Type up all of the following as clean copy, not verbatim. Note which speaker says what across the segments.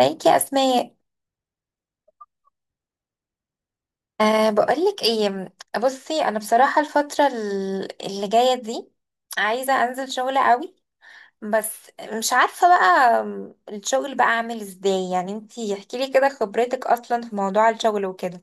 Speaker 1: ازيك يا اسماء؟ أه، بقولك ايه. بصي، انا بصراحه الفتره اللي جايه دي عايزه انزل شغل قوي. بس مش عارفه بقى، الشغل بقى اعمل ازاي؟ يعني انتي احكي لي كده خبرتك اصلا في موضوع الشغل وكده.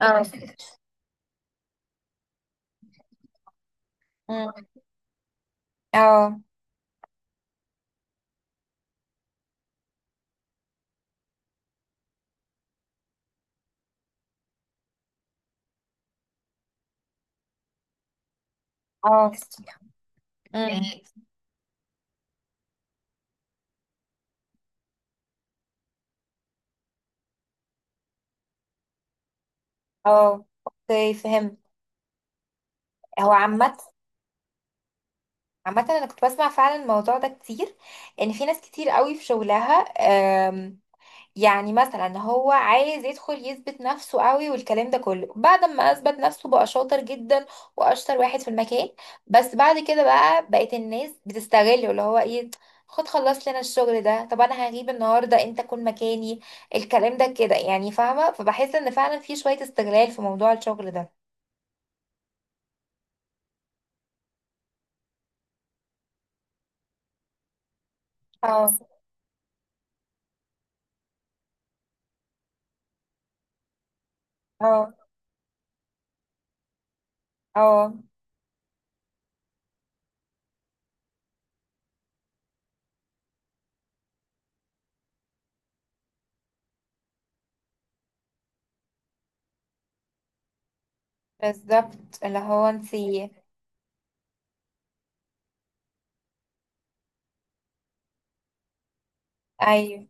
Speaker 1: اه. مم. اه. اه. مم. اه، اوكي، فهمت. هو عامه عامه انا كنت بسمع فعلا الموضوع ده كتير، ان في ناس كتير قوي في شغلها. يعني مثلا هو عايز يدخل يثبت نفسه قوي والكلام ده كله، بعد ما اثبت نفسه بقى شاطر جدا واشطر واحد في المكان، بس بعد كده بقى بقت الناس بتستغله. اللي هو ايه، خد خلص لنا الشغل ده، طب انا هغيب النهارده انت كن مكاني. الكلام ده كده يعني، فاهمه؟ فبحس ان فعلا في شويه استغلال في موضوع الشغل ده. اه. اه. اه. بالظبط، اللي هو انتي. ايوه،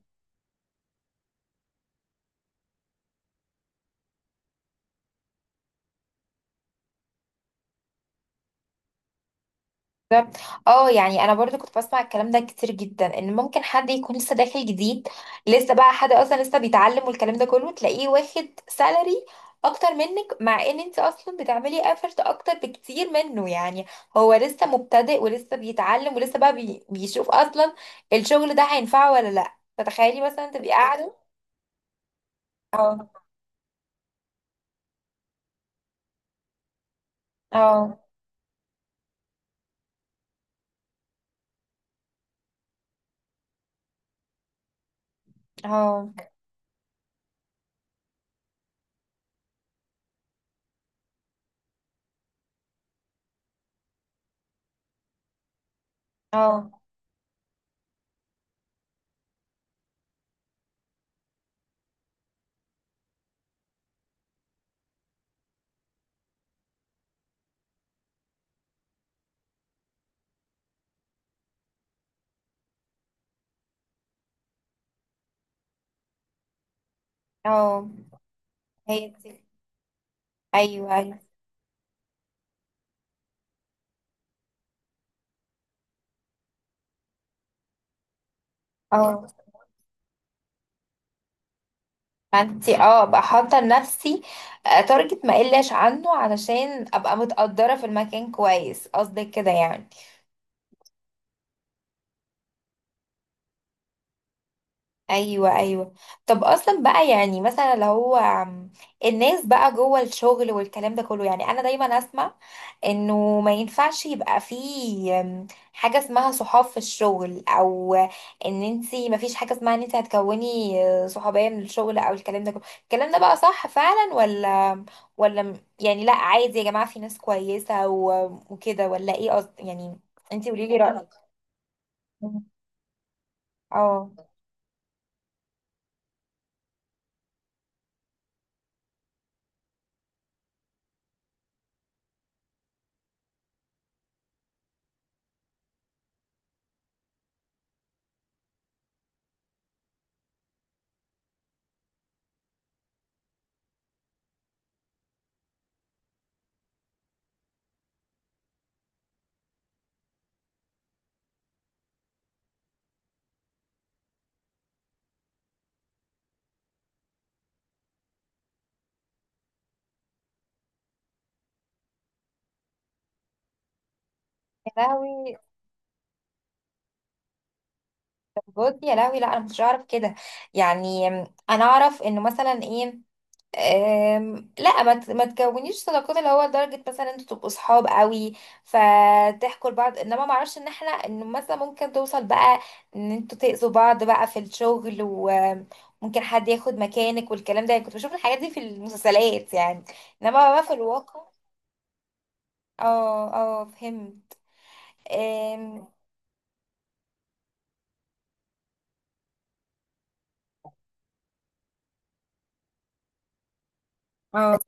Speaker 1: بالظبط. اه يعني انا برضو كنت بسمع الكلام ده كتير جدا، ان ممكن حد يكون لسه داخل جديد، لسه بقى حد اصلا لسه بيتعلم والكلام ده كله، تلاقيه واخد سالري اكتر منك، مع ان انت اصلا بتعملي افورت اكتر بكتير منه. يعني هو لسه مبتدئ ولسه بيتعلم ولسه بقى بيشوف اصلا الشغل ده هينفعه ولا لا. فتخيلي مثلا تبقي قاعده. اه. اه. اه. اه. اه. هي دي. ايوه، ايوه. اه، ما انتي اه ابقى حاطه لنفسي تارجت ما اقلش عنه، علشان ابقى متقدره في المكان كويس. قصدك كده يعني؟ ايوه، ايوه. طب اصلا بقى، يعني مثلا لو هو الناس بقى جوه الشغل والكلام ده كله، يعني انا دايما اسمع انه ما ينفعش يبقى فيه حاجه اسمها صحاب في الشغل. او ان انتي ما فيش حاجه اسمها ان انتي هتكوني صحوبيه من الشغل او الكلام ده كله. الكلام ده بقى صح فعلا ولا يعني لا، عادي يا جماعه في ناس كويسه وكده، ولا ايه قصد يعني؟ انتي قوليلي رايك. اه. يا لهوي. بجد يا لهوي، لا انا مش اعرف كده. يعني انا اعرف انه مثلا ايه، لا ما تكونيش صداقات، اللي هو لدرجه مثلا انتوا تبقوا صحاب قوي فتحكوا لبعض. انما ما اعرفش ان احنا انه مثلا ممكن توصل بقى، ان انتوا تاذوا بعض بقى في الشغل وممكن حد ياخد مكانك والكلام ده. يعني كنت بشوف الحاجات دي في المسلسلات، يعني انما بقى في الواقع. اه، اه، فهمت. أم، اه،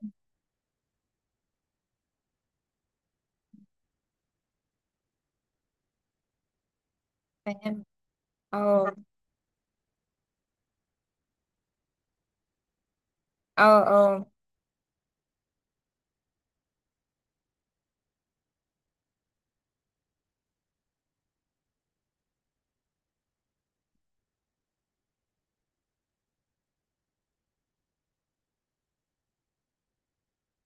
Speaker 1: فهمت. اه. اه. اه.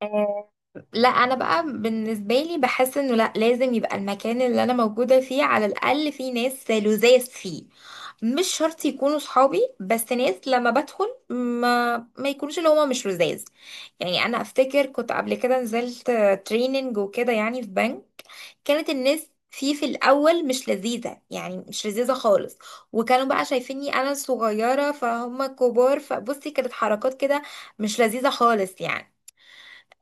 Speaker 1: آه، لا، انا بقى بالنسبه لي بحس انه لا، لازم يبقى المكان اللي انا موجوده فيه على الاقل فيه ناس لذاذ فيه. مش شرط يكونوا صحابي، بس ناس لما بدخل ما يكونوش اللي هما مش لذاذ يعني. انا افتكر كنت قبل كده نزلت تريننج وكده، يعني في بنك، كانت الناس فيه في الاول مش لذيذه، يعني مش لذيذه خالص. وكانوا بقى شايفيني انا صغيره فهم كبار، فبصي كانت حركات كده مش لذيذه خالص يعني.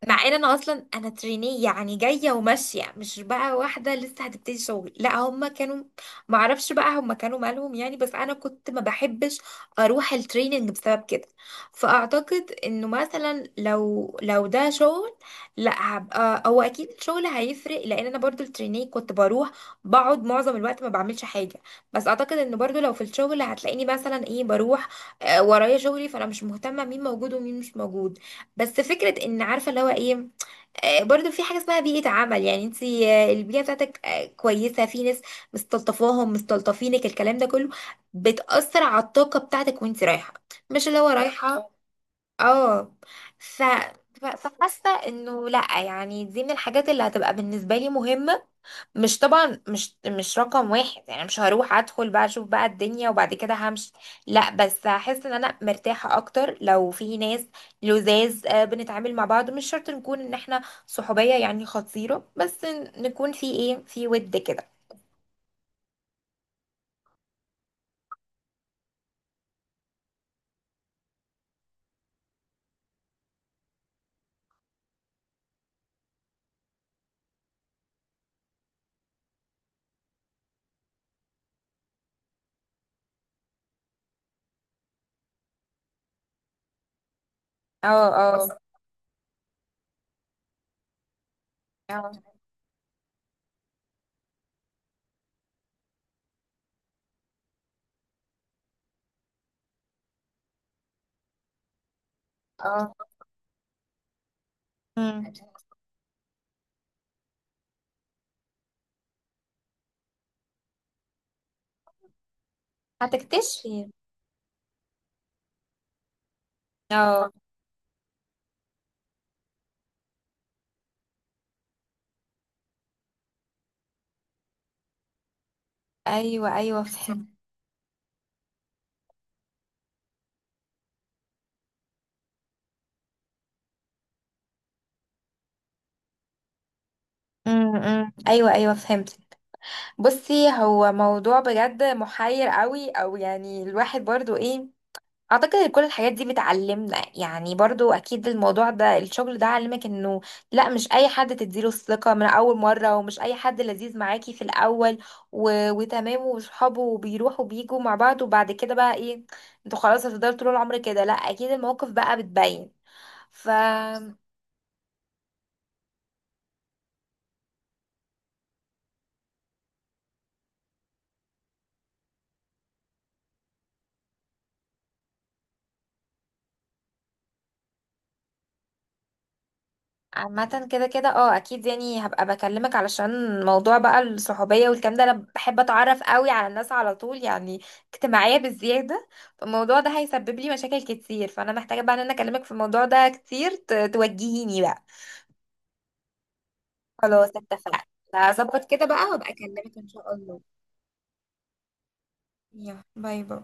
Speaker 1: مع ان انا اصلا تريني يعني جايه وماشيه، مش بقى واحده لسه هتبتدي شغل. لا هم كانوا، ما اعرفش بقى، هم كانوا مالهم يعني. بس انا كنت ما بحبش اروح التريننج بسبب كده. فاعتقد انه مثلا لو ده شغل، لا هبقى. هو اكيد الشغل هيفرق، لان انا برضو التريني كنت بروح بقعد معظم الوقت ما بعملش حاجه. بس اعتقد ان برضو لو في الشغل هتلاقيني مثلا ايه، بروح ورايا شغلي، فانا مش مهتمه مين موجود ومين مش موجود. بس فكرة ان عارفة اللي هو ايه، برضو في حاجة اسمها بيئة عمل. يعني انت البيئة بتاعتك كويسة، في ناس مستلطفاهم مستلطفينك، الكلام ده كله بتأثر على الطاقة بتاعتك وانت رايحة. مش اللي هو رايحة. اه. ف... فحاسه انه لا يعني، دي من الحاجات اللي هتبقى بالنسبه لي مهمه. مش طبعا، مش رقم واحد يعني. مش هروح ادخل بقى اشوف بقى الدنيا وبعد كده همشي، لا، بس هحس ان انا مرتاحه اكتر لو في ناس لزاز، بنتعامل مع بعض، مش شرط نكون ان احنا صحوبيه يعني خطيره، بس نكون في ايه، في ود كده. اه. اه. اه. اه. مم. هتكتشفي. اه. ايوه، ايوه، فهمت. ايوه، ايوه، فهمت. بصي، هو موضوع بجد محير قوي، او يعني الواحد برضو ايه، اعتقد ان كل الحاجات دي بتعلمنا. يعني برضو اكيد الموضوع ده، الشغل ده علمك انه لا، مش اي حد تديله الثقة من اول مرة، ومش اي حد لذيذ معاكي في الاول وتمام وصحابه وبيروحوا بيجوا مع بعض، وبعد كده بقى ايه انتوا خلاص هتفضلوا طول العمر كده. لا، اكيد المواقف بقى بتبين. ف عامة كده كده اه، اكيد. يعني هبقى بكلمك علشان موضوع بقى الصحوبية والكلام ده، انا بحب اتعرف قوي على الناس على طول يعني، اجتماعية بالزيادة. فالموضوع ده هيسبب لي مشاكل كتير، فانا محتاجة بقى ان انا اكلمك في الموضوع ده كتير، توجهيني بقى. خلاص، اتفقنا. هظبط كده بقى وابقى اكلمك ان شاء الله. يلا، باي باي.